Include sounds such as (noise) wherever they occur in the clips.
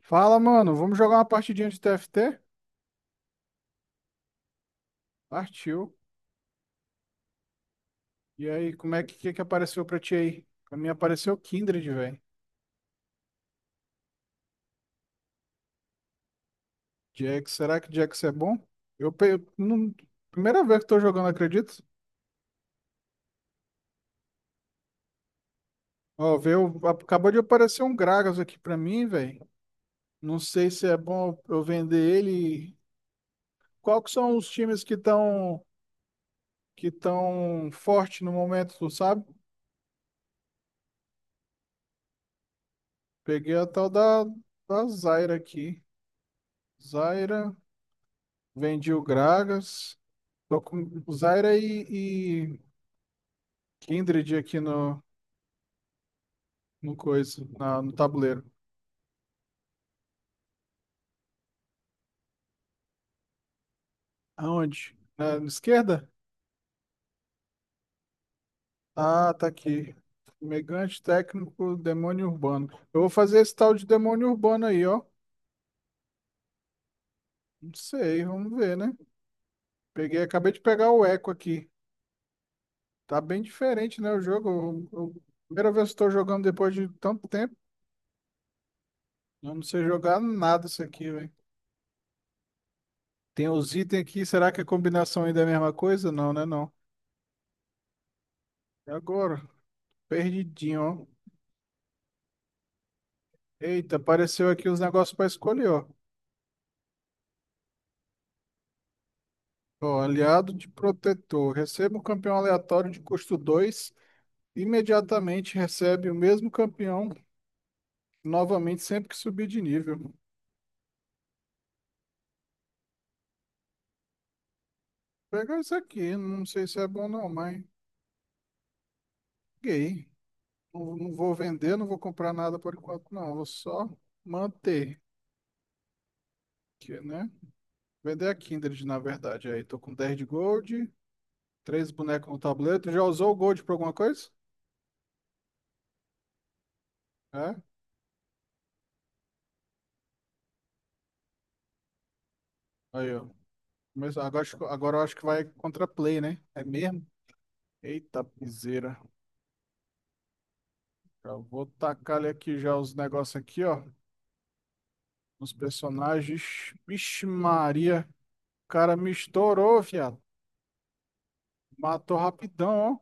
Fala, mano. Vamos jogar uma partidinha de TFT? Partiu. E aí, como é que apareceu pra ti aí? Pra mim apareceu o Kindred, velho. Jax, será que Jax é bom? Eu, pe- eu não- Primeira vez que tô jogando, acredito. Ó, veio, acabou de aparecer um Gragas aqui pra mim, velho. Não sei se é bom eu vender ele. Qual que são os times que estão forte no momento, tu sabe? Peguei a tal da Zyra aqui. Zyra, vendi o Gragas. Tô com o Zyra e Kindred aqui no coisa, no tabuleiro. Aonde? Na esquerda? Ah, tá aqui. Megante técnico, demônio urbano. Eu vou fazer esse tal de demônio urbano aí, ó. Não sei, vamos ver, né? Peguei, acabei de pegar o Echo aqui. Tá bem diferente, né, o jogo. Primeira vez que estou jogando depois de tanto tempo. Eu não sei jogar nada isso aqui, velho. Tem os itens aqui, será que a combinação ainda é a mesma coisa? Não, né, não. E agora? Perdidinho, ó. Eita, apareceu aqui os negócios para escolher, ó. Ó, aliado de protetor. Receba um campeão aleatório de custo 2. Imediatamente recebe o mesmo campeão novamente sempre que subir de nível. Vou pegar isso aqui, não sei se é bom não, mas gay. Não, não vou vender, não vou comprar nada por enquanto, não. Vou só manter, que, né? Vender a Kindred, na verdade. Aí, tô com 10 de gold, três bonecos no tabuleiro. Tu já usou o gold pra alguma coisa? É? Aí, ó. Mas agora, agora eu acho que vai contra play, né? É mesmo? Eita, piseira. Já vou tacar aqui já os negócios aqui, ó. Os personagens. Vixe Maria. O cara me estourou, viado. Matou rapidão, ó.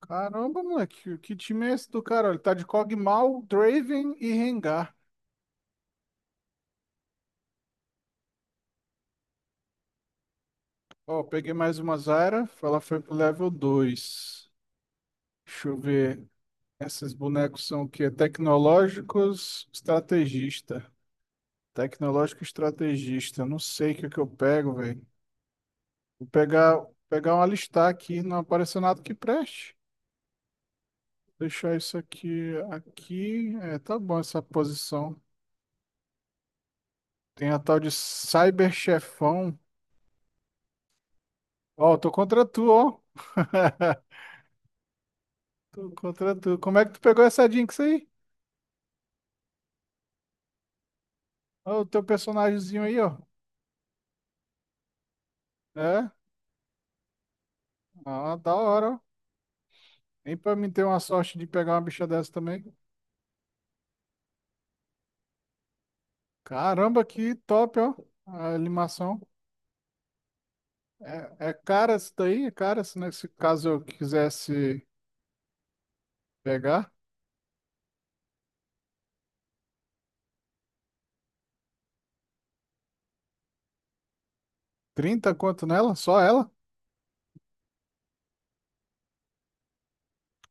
Caramba, moleque. Que time é esse do cara? Ele tá de Kog'Maw, Draven e Rengar. Ó, peguei mais uma Zyra. Ela foi pro level 2. Deixa eu ver. Esses bonecos são o quê? Tecnológicos, estrategista. Tecnológico estrategista. Não sei o que é que eu pego, velho. Vou pegar uma listar aqui, não apareceu nada que preste. Deixar isso aqui, aqui. É, tá bom essa posição. Tem a tal de cyberchefão. Ó, tô contra tu, ó. (laughs) Tô contra tu. Como é que tu pegou essa Jinx aí? Ó, o teu personagemzinho aí, ó. É? Ah, da hora, ó. Nem pra mim ter uma sorte de pegar uma bicha dessa também. Caramba, que top, ó. A animação. É, é cara isso daí? É cara se nesse caso eu quisesse pegar? 30 quanto nela? Só ela?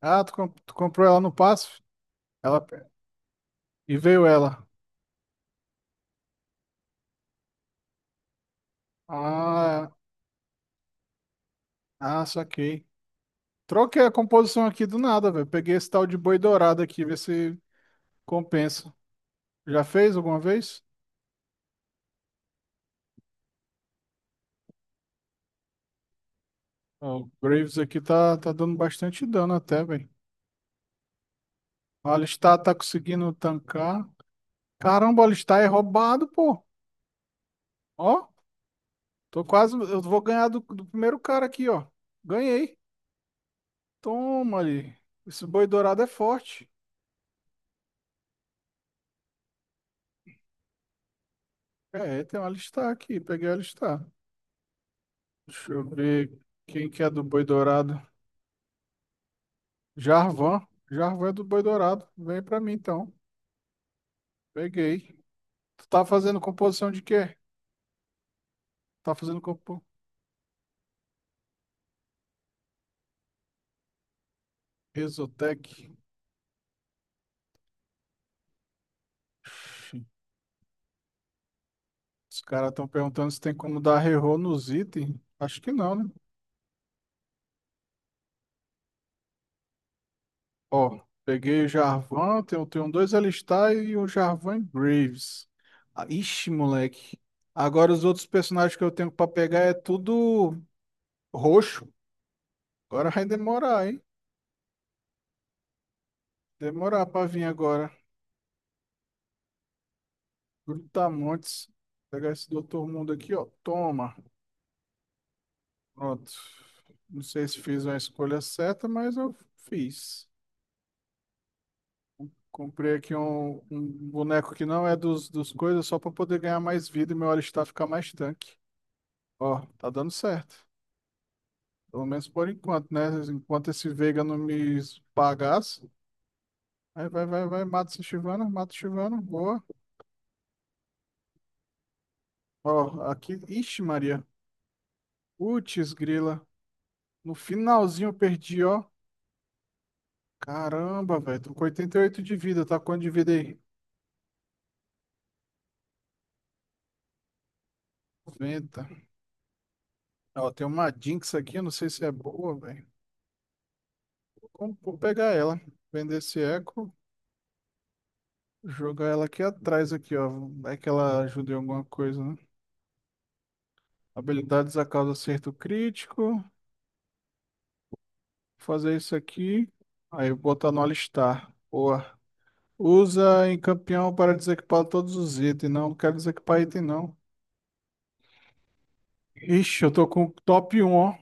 Ah, tu comprou ela no passo? Ela, e veio ela. Ah, ah, saquei. Troquei a composição aqui do nada, velho. Peguei esse tal de boi dourado aqui, ver se compensa. Já fez alguma vez? Ó, o Graves aqui tá dando bastante dano até, velho. O Alistar tá conseguindo tancar. Caramba, o Alistar é roubado, pô. Ó. Tô quase. Eu vou ganhar do primeiro cara aqui, ó. Ganhei. Toma ali. Esse boi dourado é forte. É, tem um alistar aqui. Peguei o alistar. Deixa eu ver quem que é do boi dourado. Jarvan. Jarvan é do boi dourado. Vem pra mim então. Peguei. Tu tá fazendo composição de quê? Tá fazendo compo... Exotec. Ixi, os caras estão perguntando se tem como dar reroll nos itens. Acho que não, né? Ó, peguei o Jarvan, tenho 2 Alistar e o Jarvan e Graves. Ah, Ixi, moleque. Agora os outros personagens que eu tenho pra pegar é tudo roxo. Agora vai demorar, hein? Demorar pra vir agora. Brutamontes. Pegar esse Doutor Mundo aqui, ó. Toma. Pronto. Não sei se fiz uma escolha certa, mas eu fiz. Comprei aqui um boneco que não é dos coisas, só pra poder ganhar mais vida e meu Alistar ficar mais tanque. Ó, tá dando certo. Pelo menos por enquanto, né? Enquanto esse Veiga não me pagasse. Aí vai, vai, vai, mata esse Chivano, mata o Chivano, boa. Ó, aqui, ixi, Maria. Putz, grila. No finalzinho eu perdi, ó. Caramba, velho, tô com 88 de vida, tá com quanto de vida aí? 90. Ó, tem uma Jinx aqui, eu não sei se é boa, velho. Como- vou pegar ela, vender esse eco, jogar ela aqui atrás, aqui, ó. Vai que ela ajuda em alguma coisa, né? Habilidades a causa acerto crítico. Fazer isso aqui. Aí eu botar no alistar. Boa. Usa em campeão para desequipar todos os itens. Não, não quero desequipar item, não. Ixi, eu tô com o top um ó.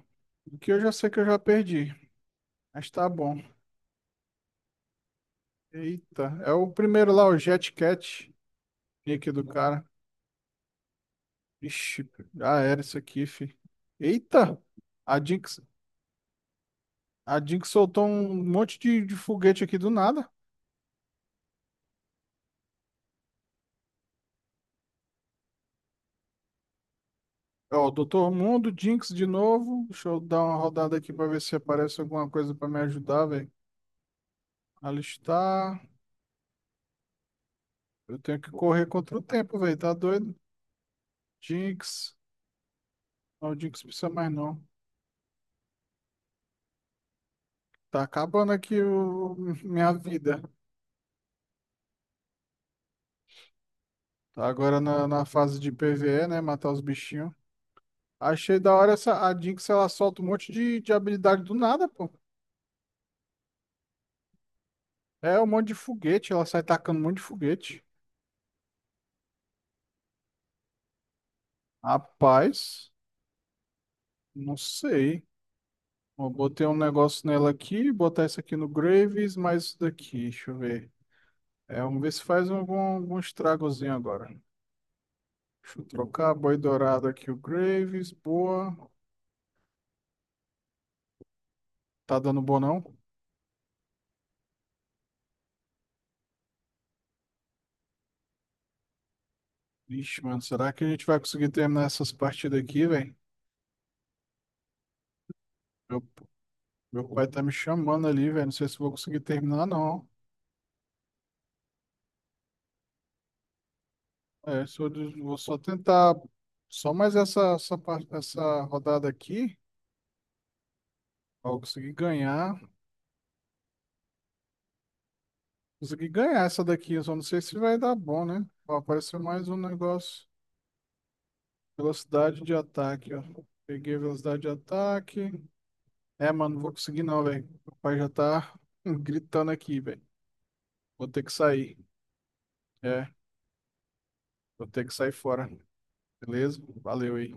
Que eu já sei que eu já perdi. Mas tá bom. Eita, é o primeiro lá, o Jet Cat. Nick do cara. Ixi, já era isso aqui, fi. Eita! A Jinx, a Jinx soltou um monte de foguete aqui do nada. Ó, o Doutor Mundo, Jinx de novo. Deixa eu dar uma rodada aqui pra ver se aparece alguma coisa pra me ajudar, velho. Alistar. Eu tenho que correr contra o tempo, velho. Tá doido? Jinx. Não, o Jinx precisa mais não. Tá acabando aqui o... (laughs) minha vida. Tá agora na fase de PvE, né? Matar os bichinhos. Achei da hora essa. A Jinx, ela solta um monte de habilidade do nada, pô. É um monte de foguete. Ela sai tacando um monte de foguete. Rapaz, não sei. Eu botei um negócio nela aqui, botar isso aqui no Graves, mais isso daqui, deixa eu ver. É, vamos ver se faz algum estragozinho agora. Deixa eu trocar, boi dourado aqui, o Graves, boa. Tá dando bom não? Ixi, mano, será que a gente vai conseguir terminar essas partidas aqui, velho? Meu, meu pai tá me chamando ali, velho, não sei se eu vou conseguir terminar não. É, se eu des- vou só tentar, só mais essa rodada aqui, pra eu conseguir ganhar. Consegui ganhar essa daqui, eu só não sei se vai dar bom, né? Ó, apareceu mais um negócio. Velocidade de ataque, ó. Peguei a velocidade de ataque. É, mano, não vou conseguir não, velho. O pai já tá (laughs) gritando aqui, velho. Vou ter que sair. É, vou ter que sair fora. Beleza? Valeu aí.